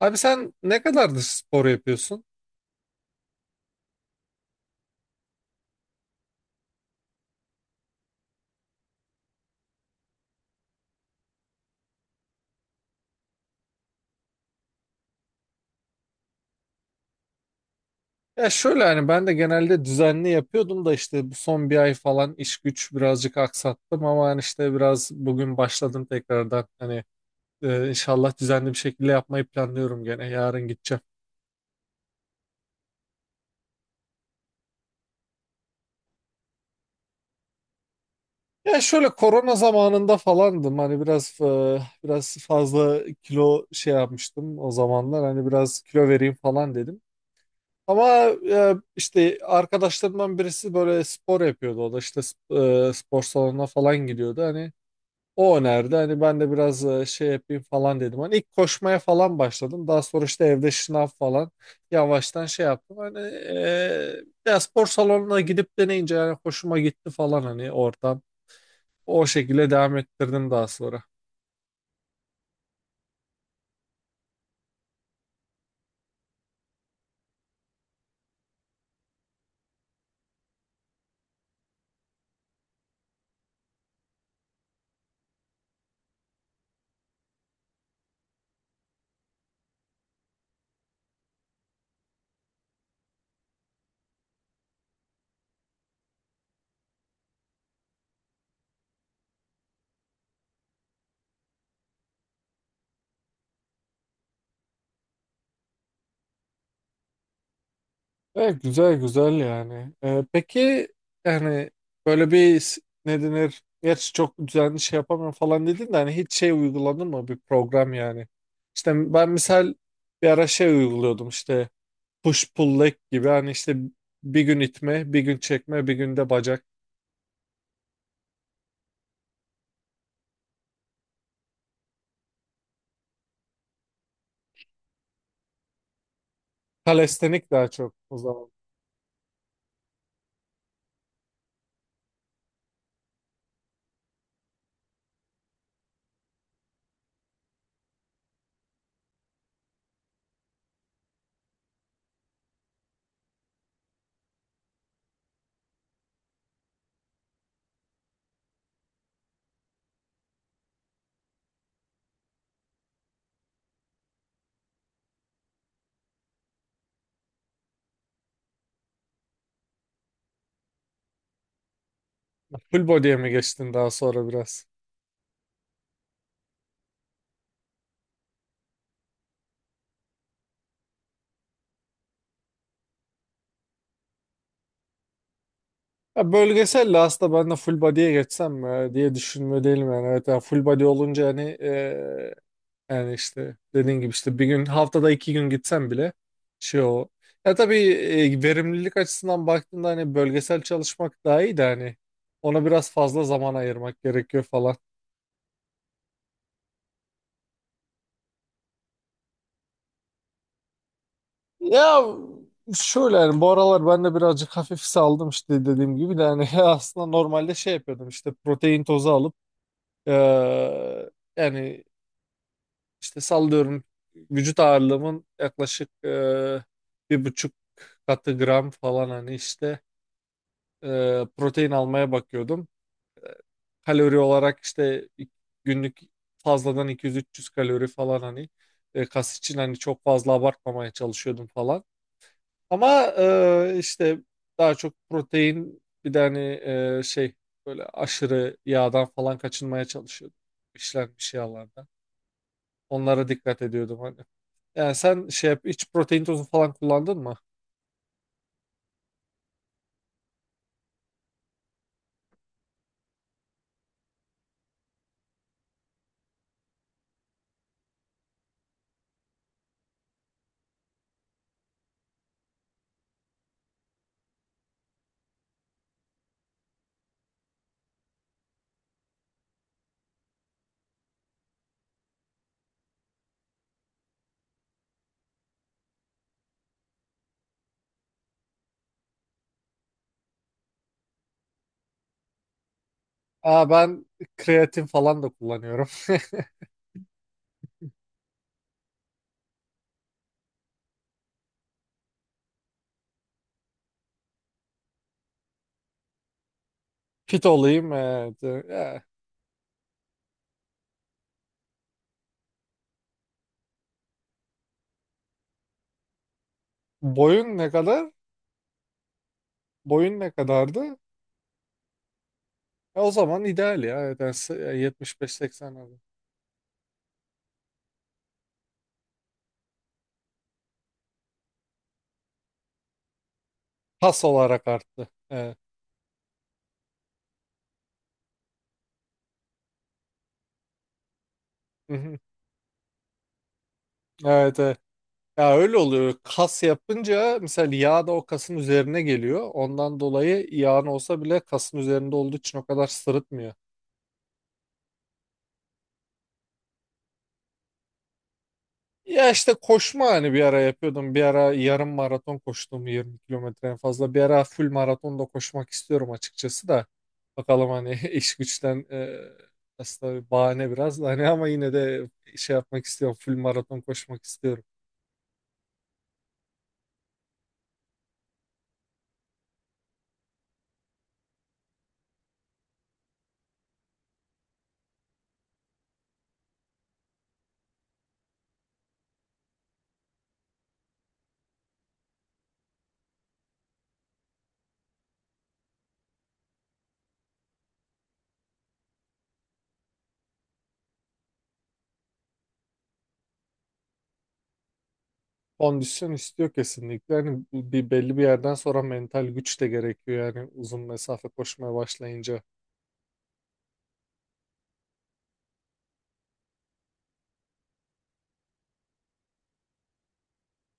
Abi sen ne kadardır spor yapıyorsun? Ya şöyle hani ben de genelde düzenli yapıyordum da işte bu son bir ay falan iş güç birazcık aksattım ama hani işte biraz bugün başladım tekrardan. Hani inşallah düzenli bir şekilde yapmayı planlıyorum, gene yarın gideceğim. Ya şöyle korona zamanında falandım hani biraz fazla kilo şey yapmıştım o zamanlar, hani biraz kilo vereyim falan dedim. Ama işte arkadaşlarımdan birisi böyle spor yapıyordu. O da işte spor salonuna falan gidiyordu. Hani o önerdi. Hani ben de biraz şey yapayım falan dedim. Hani ilk koşmaya falan başladım. Daha sonra işte evde şınav falan yavaştan şey yaptım. Hani ya spor salonuna gidip deneyince yani hoşuma gitti falan hani oradan. O şekilde devam ettirdim daha sonra. Evet, güzel güzel yani. Peki yani böyle bir ne denir? Gerçi çok düzenli şey yapamıyorum falan dedin de, hani hiç şey uyguladın mı bir program yani? İşte ben misal bir ara şey uyguluyordum işte push pull leg gibi, hani işte bir gün itme, bir gün çekme, bir günde bacak. Kalestenik daha çok o zaman. Full body'ye mi geçtin daha sonra biraz? Ya bölgesel de aslında, ben de full body'ye geçsem mi diye düşünme değilim yani. Evet yani full body olunca hani, yani işte dediğin gibi işte bir gün, haftada iki gün gitsem bile şey o. Ya tabii verimlilik açısından baktığında hani bölgesel çalışmak daha iyi de, hani ona biraz fazla zaman ayırmak gerekiyor falan. Ya şöyle yani bu aralar ben de birazcık hafif saldım işte, dediğim gibi de hani, aslında normalde şey yapıyordum işte protein tozu alıp eee, yani işte sallıyorum vücut ağırlığımın yaklaşık 1,5 katı gram falan, hani işte protein almaya bakıyordum. Kalori olarak işte günlük fazladan 200, 300 kalori falan, hani kas için hani çok fazla abartmamaya çalışıyordum falan. Ama işte daha çok protein, bir de hani şey böyle aşırı yağdan falan kaçınmaya çalışıyordum. İşlenmiş yağlardan. Onlara dikkat ediyordum hani. Yani sen şey yap, hiç protein tozu falan kullandın mı? Aa ben kreatin falan da kullanıyorum. Fit olayım. Evet. Boyun ne kadar? Boyun ne kadardı? O zaman ideal ya. Evet, yani 75-80 oldu. Kas olarak arttı. Evet. Hı hı. Evet, evet. Ya öyle oluyor. Kas yapınca mesela yağ da o kasın üzerine geliyor. Ondan dolayı yağın olsa bile kasın üzerinde olduğu için o kadar sırıtmıyor. Ya işte koşma hani bir ara yapıyordum. Bir ara yarım maraton koştum, 20 kilometre en fazla. Bir ara full maraton da koşmak istiyorum açıkçası da. Bakalım hani, iş güçten aslında bahane biraz da hani, ama yine de şey yapmak istiyorum. Full maraton koşmak istiyorum. Kondisyon istiyor kesinlikle. Hani bir belli bir yerden sonra mental güç de gerekiyor yani, uzun mesafe koşmaya başlayınca.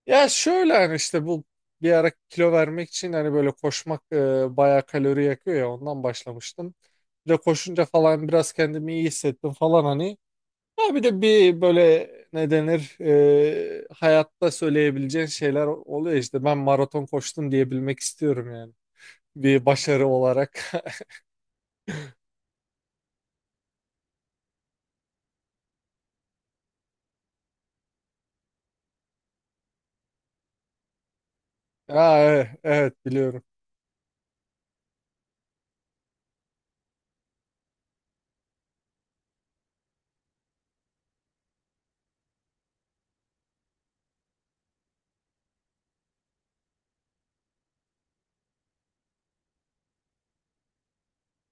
Ya şöyle hani işte bu bir ara kilo vermek için hani böyle koşmak bayağı kalori yakıyor ya, ondan başlamıştım. De koşunca falan biraz kendimi iyi hissettim falan hani. Ya bir de bir böyle, ne denir, hayatta söyleyebileceğin şeyler oluyor, işte ben maraton koştum diyebilmek istiyorum yani. Bir başarı olarak. Ha, evet, evet biliyorum.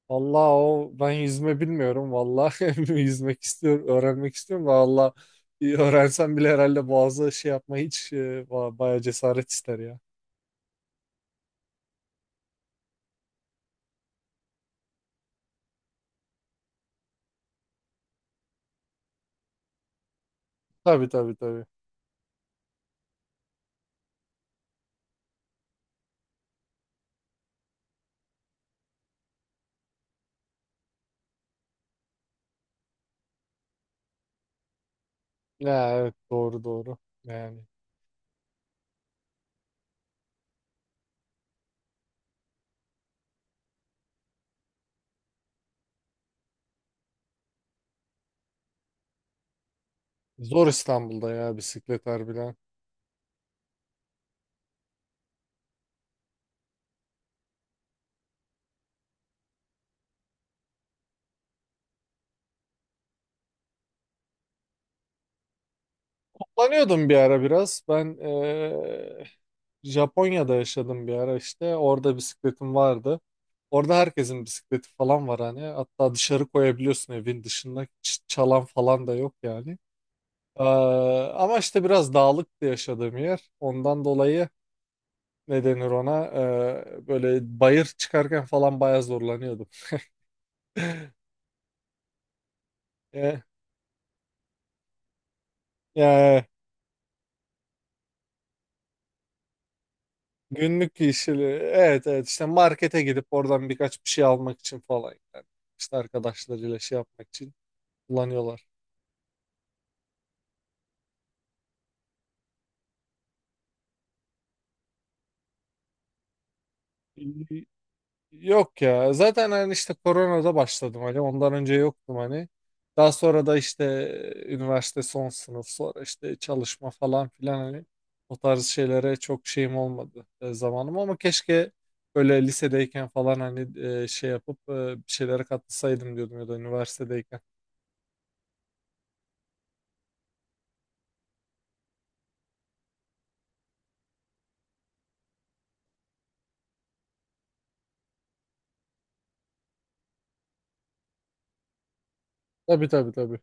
Vallahi o ben yüzme bilmiyorum vallahi, yüzmek istiyorum, öğrenmek istiyorum da, valla öğrensem bile herhalde boğazı şey yapma hiç bayağı cesaret ister ya. Tabii tabii tabii. Ya evet, doğru doğru yani. Zor İstanbul'da ya, bisiklet harbiden. Kullanıyordum bir ara biraz. Ben Japonya'da yaşadım bir ara işte. Orada bisikletim vardı. Orada herkesin bisikleti falan var hani. Hatta dışarı koyabiliyorsun evin dışında. Çalan falan da yok yani. Eee, ama işte biraz dağlıktı yaşadığım yer. Ondan dolayı ne denir ona? Böyle bayır çıkarken falan bayağı zorlanıyordum. E, Günlük işleri. Evet, evet, işte markete gidip oradan birkaç bir şey almak için falan yani. İşte arkadaşlarıyla şey yapmak için kullanıyorlar. Y- Yok ya, zaten hani işte koronada başladım hani, ondan önce yoktum hani. Daha sonra da işte üniversite son sınıf, sonra işte çalışma falan filan, hani o tarz şeylere çok şeyim olmadı zamanım, ama keşke böyle lisedeyken falan hani şey yapıp bir şeylere katılsaydım diyordum, ya da üniversitedeyken. Tabii tabii tabii.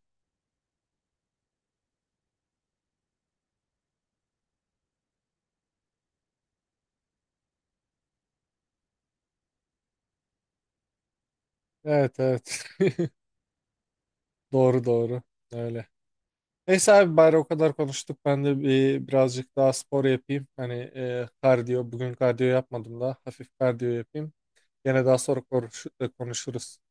Evet, evet. Doğru doğru. Öyle. Neyse abi, bari o kadar konuştuk. Ben de birazcık daha spor yapayım. Hani kardiyo. Bugün kardiyo yapmadım da. Hafif kardiyo yapayım. Gene daha sonra konuşuruz.